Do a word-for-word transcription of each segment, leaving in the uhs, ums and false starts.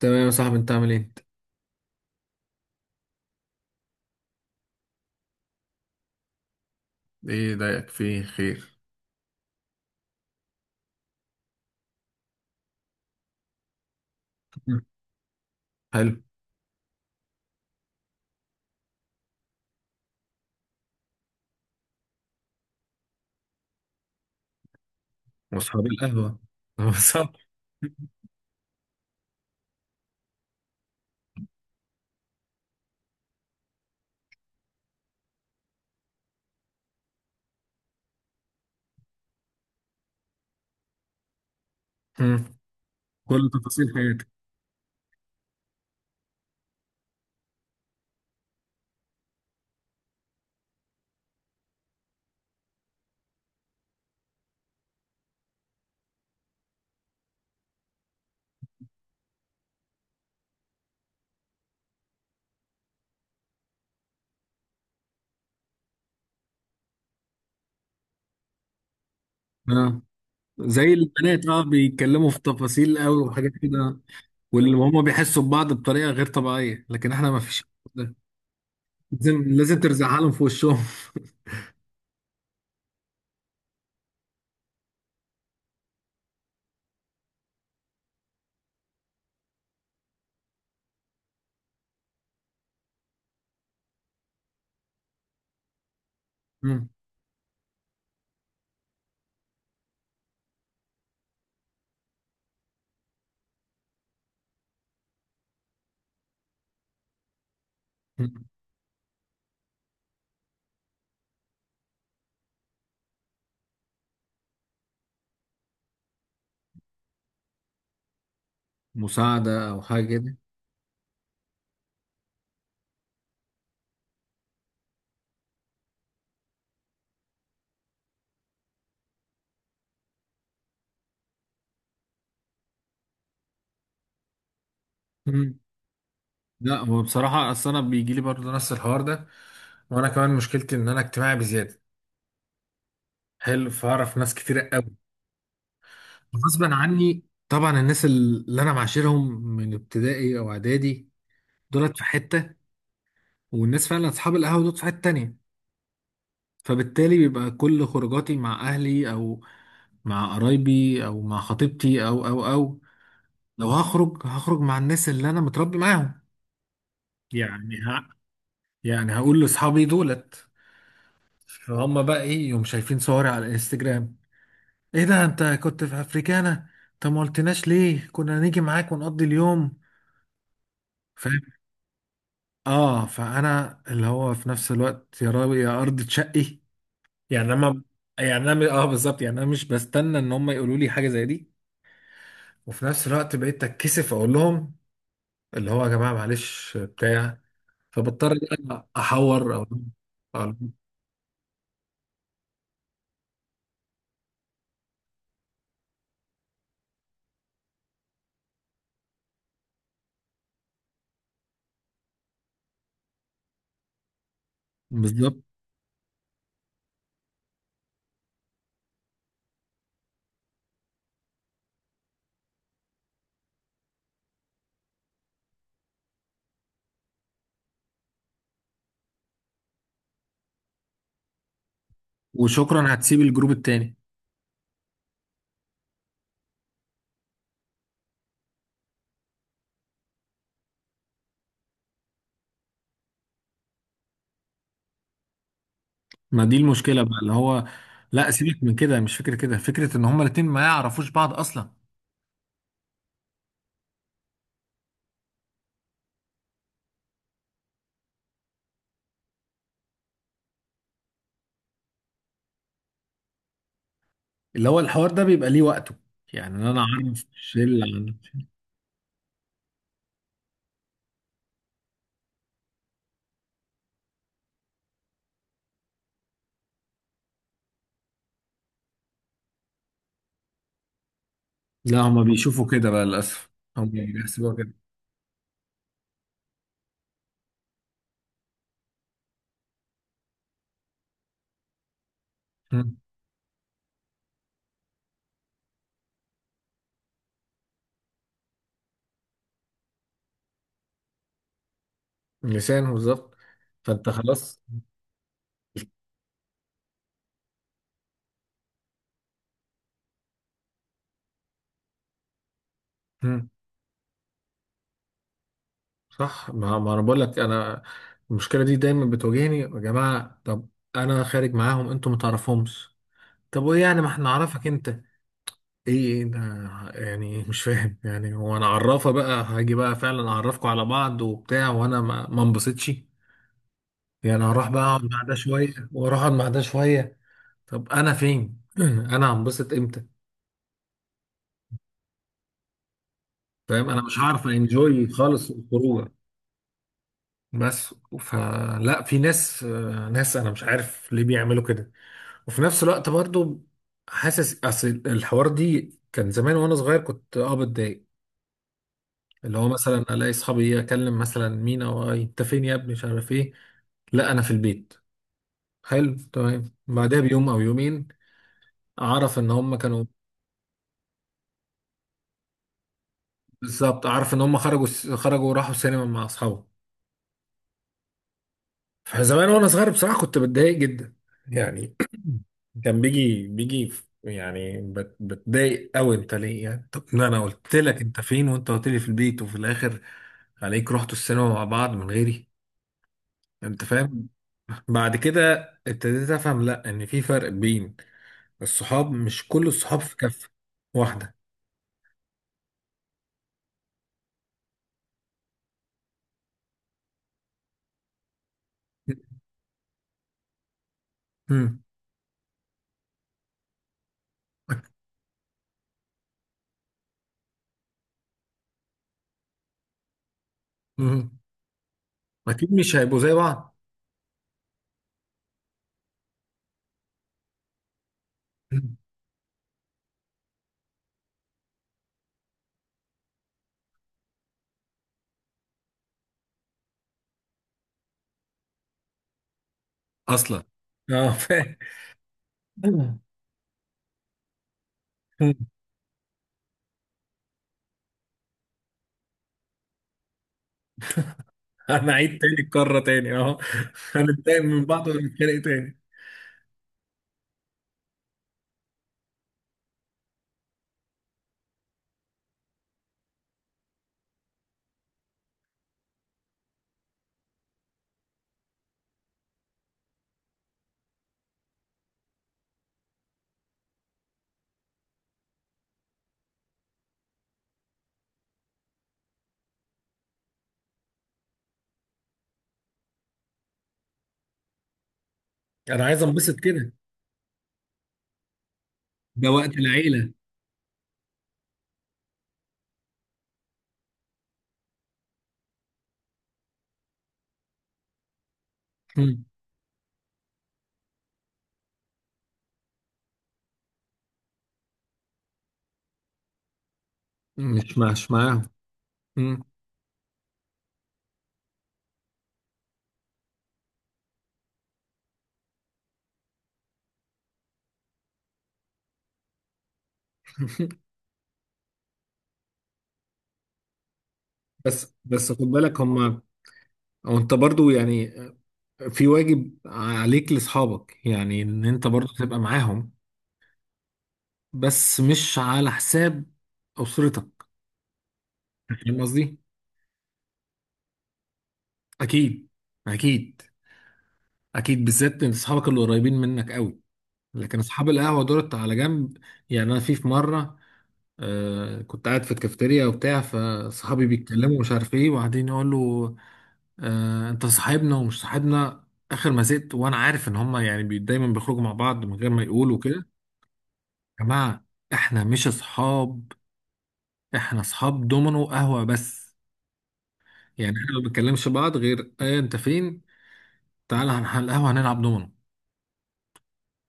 تمام يا صاحبي، انت عامل ايه انت؟ ايه ضايقك؟ فيه خير؟ مم. حلو. واصحاب القهوة بالظبط. مم. كل تفاصيل حياتك. اه، زي البنات اه بيتكلموا في تفاصيل قوي وحاجات كده. واللي هم بيحسوا ببعض بطريقة غير طبيعية، لكن احنا ما فيش ده. لازم لازم ترزعها لهم في وشهم. مم. مم. مساعدة او حاجة كده. مم. لا، هو بصراحة أصل أنا بيجي لي برضه نفس الحوار ده. وأنا كمان مشكلتي إن أنا اجتماعي بزيادة. حلو، فأعرف ناس كتير غصبا عني. طبعا الناس اللي انا معاشرهم من ابتدائي او اعدادي دولت في حته، والناس فعلا اصحاب القهوه دول في حته تانية. فبالتالي بيبقى كل خروجاتي مع اهلي او مع قرايبي او مع خطيبتي او او او. لو هخرج هخرج مع الناس اللي انا متربي معاهم. يعني ه... يعني هقول لاصحابي دولت: فهم بقى ايه، يوم شايفين صوري على الانستجرام: ايه ده، انت كنت في افريكانا؟ طب ما قلتناش ليه، كنا نيجي معاك ونقضي اليوم. اه، فانا اللي هو في نفس الوقت يا رب يا ارض تشقي. يعني انا يعني انا اه بالظبط، يعني انا مش بستنى ان هم يقولوا لي حاجه زي دي. وفي نفس الوقت بقيت اتكسف اقول لهم اللي هو يا جماعه، معلش بتاع. فبضطر إن أنا احور او أو- بالظبط. وشكرا، هتسيب الجروب التاني. ما دي المشكله بقى اللي هو. لا، سيبك من كده، مش فكره كده، فكره ان هم الاتنين ما يعرفوش بعض اصلا. اللي هو الحوار ده بيبقى ليه وقته، يعني إن انا اعرف الشله. لا، هما بيشوفوا كده بقى للأسف. هما بيحسبوها كده. مم. لسانه بالظبط. فأنت خلاص. مم. صح. ما, ما أنا بقول لك أنا المشكلة دي دايما بتواجهني. يا جماعة، طب أنا خارج معاهم أنتوا ما تعرفهمش. طب وإيه يعني، ما إحنا نعرفك أنت. إيه، أنا يعني مش فاهم، يعني هو أنا عرافة بقى هاجي بقى فعلا أعرفكم على بعض وبتاع، وأنا ما ما انبسطش. يعني هروح بقى أقعد مع ده شوية، وأروح أقعد مع ده شوية. طب أنا فين؟ أنا هنبسط إمتى؟ فاهم، انا مش هعرف انجوي خالص الخروجه. بس فلا، في ناس، آه، ناس انا مش عارف ليه بيعملوا كده. وفي نفس الوقت برضو حاسس، اصل الحوار دي كان زمان وانا صغير كنت اه بتضايق. اللي هو مثلا الاقي اصحابي اكلم مثلا مينا: وانت فين يا ابني، مش عارف ايه. لا، انا في البيت. حلو تمام. بعدها بيوم او يومين اعرف ان هم كانوا. بالظبط، اعرف ان هم خرجوا خرجوا وراحوا سينما مع اصحابهم. فزمان وانا صغير بصراحه كنت بتضايق جدا. يعني كان بيجي بيجي في- يعني بت- بتضايق قوي. انت ليه يعني، طب إن انا قلت لك انت فين، وانت قلت لي في البيت، وفي الاخر عليك رحتوا السينما مع بعض من غيري. انت فاهم؟ بعد كده ابتديت افهم لا، ان في فرق بين الصحاب. مش كل الصحاب في كفه واحده. مم. مم. اكيد مش هيبقوا زي بعض. مم. اصلا. اه، فاهم. انا عيد تاني، الكرة تاني اهو. هنتضايق من بعض ونتخانق تاني. انا عايز انبسط كده. ده وقت العيلة. مم. مش مش معاهم. مم. بس بس خد بالك هم، وانت برضو يعني في واجب عليك لاصحابك، يعني ان انت برضو تبقى معاهم. بس مش على حساب اسرتك. فاهم قصدي؟ اكيد، اكيد، اكيد. بالذات ان اصحابك اللي قريبين منك قوي. لكن اصحاب القهوه دولت على جنب. يعني انا في في مره، آه كنت قاعد في الكافتيريا وبتاع. فصحابي بيتكلموا ومش عارف ايه، وبعدين يقول له: آه، انت صاحبنا ومش صاحبنا. اخر ما زهقت وانا عارف ان هما يعني بي دايما بيخرجوا مع بعض من غير ما يقولوا كده. يا جماعه، احنا مش اصحاب، احنا اصحاب دومينو قهوه بس. يعني احنا ما بنتكلمش بعض غير: ايه انت فين، تعالى هنروح على القهوه هنلعب دومينو.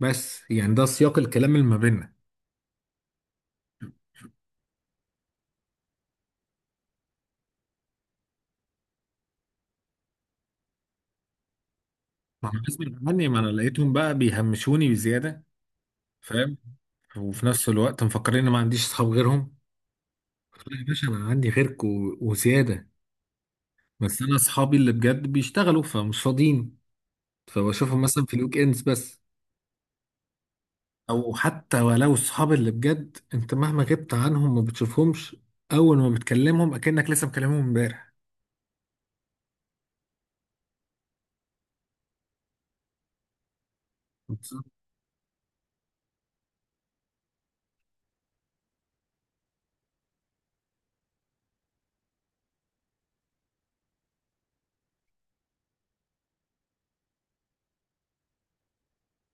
بس يعني ده سياق الكلام اللي ما بيننا. مع الناس من عني، ما انا لقيتهم بقى بيهمشوني بزياده. فاهم؟ وفي نفس الوقت مفكرين ان ما عنديش اصحاب غيرهم. يا باشا، انا عندي غيرك و- وزياده. بس انا اصحابي اللي بجد بيشتغلوا، فمش فاضيين. فبشوفهم مثلا في الويك اندز بس. او حتى ولو الصحاب اللي بجد، انت مهما غبت عنهم ما بتشوفهمش. اول ما بتكلمهم اكنك لسه مكلمهم امبارح.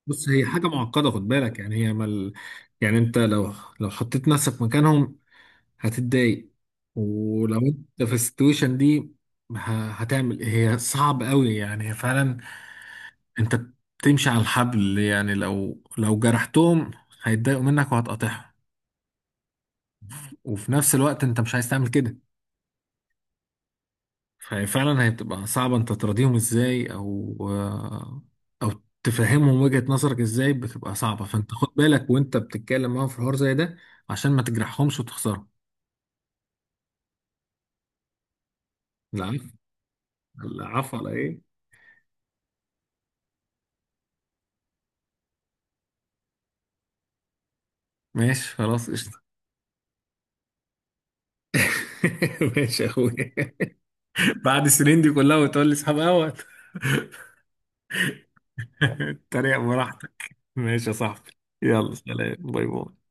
بص، هي حاجه معقده، خد بالك. يعني هي مل... يعني انت لو لو حطيت نفسك مكانهم هتتضايق. ولو انت في السيتويشن دي ه- هتعمل إيه؟ هي صعب قوي، يعني هي فعلا انت تمشي على الحبل. يعني لو لو جرحتهم هيتضايقوا منك وهتقاطعهم. وفي نفس الوقت انت مش عايز تعمل كده. ففعلا هي بتبقى صعبة. انت تراضيهم ازاي، او او تفهمهم وجهة نظرك ازاي؟ بتبقى صعبة. فانت خد بالك وانت بتتكلم معاهم في حوار زي ده عشان ما تجرحهمش وتخسرهم. العفو. العفو على ايه. ماشي خلاص، قشطة. ماشي يا اخويا. بعد السنين دي كلها وتقول لي اصحاب قهوة. تريق براحتك، ماشي يا صاحبي. يلا، سلام، باي باي.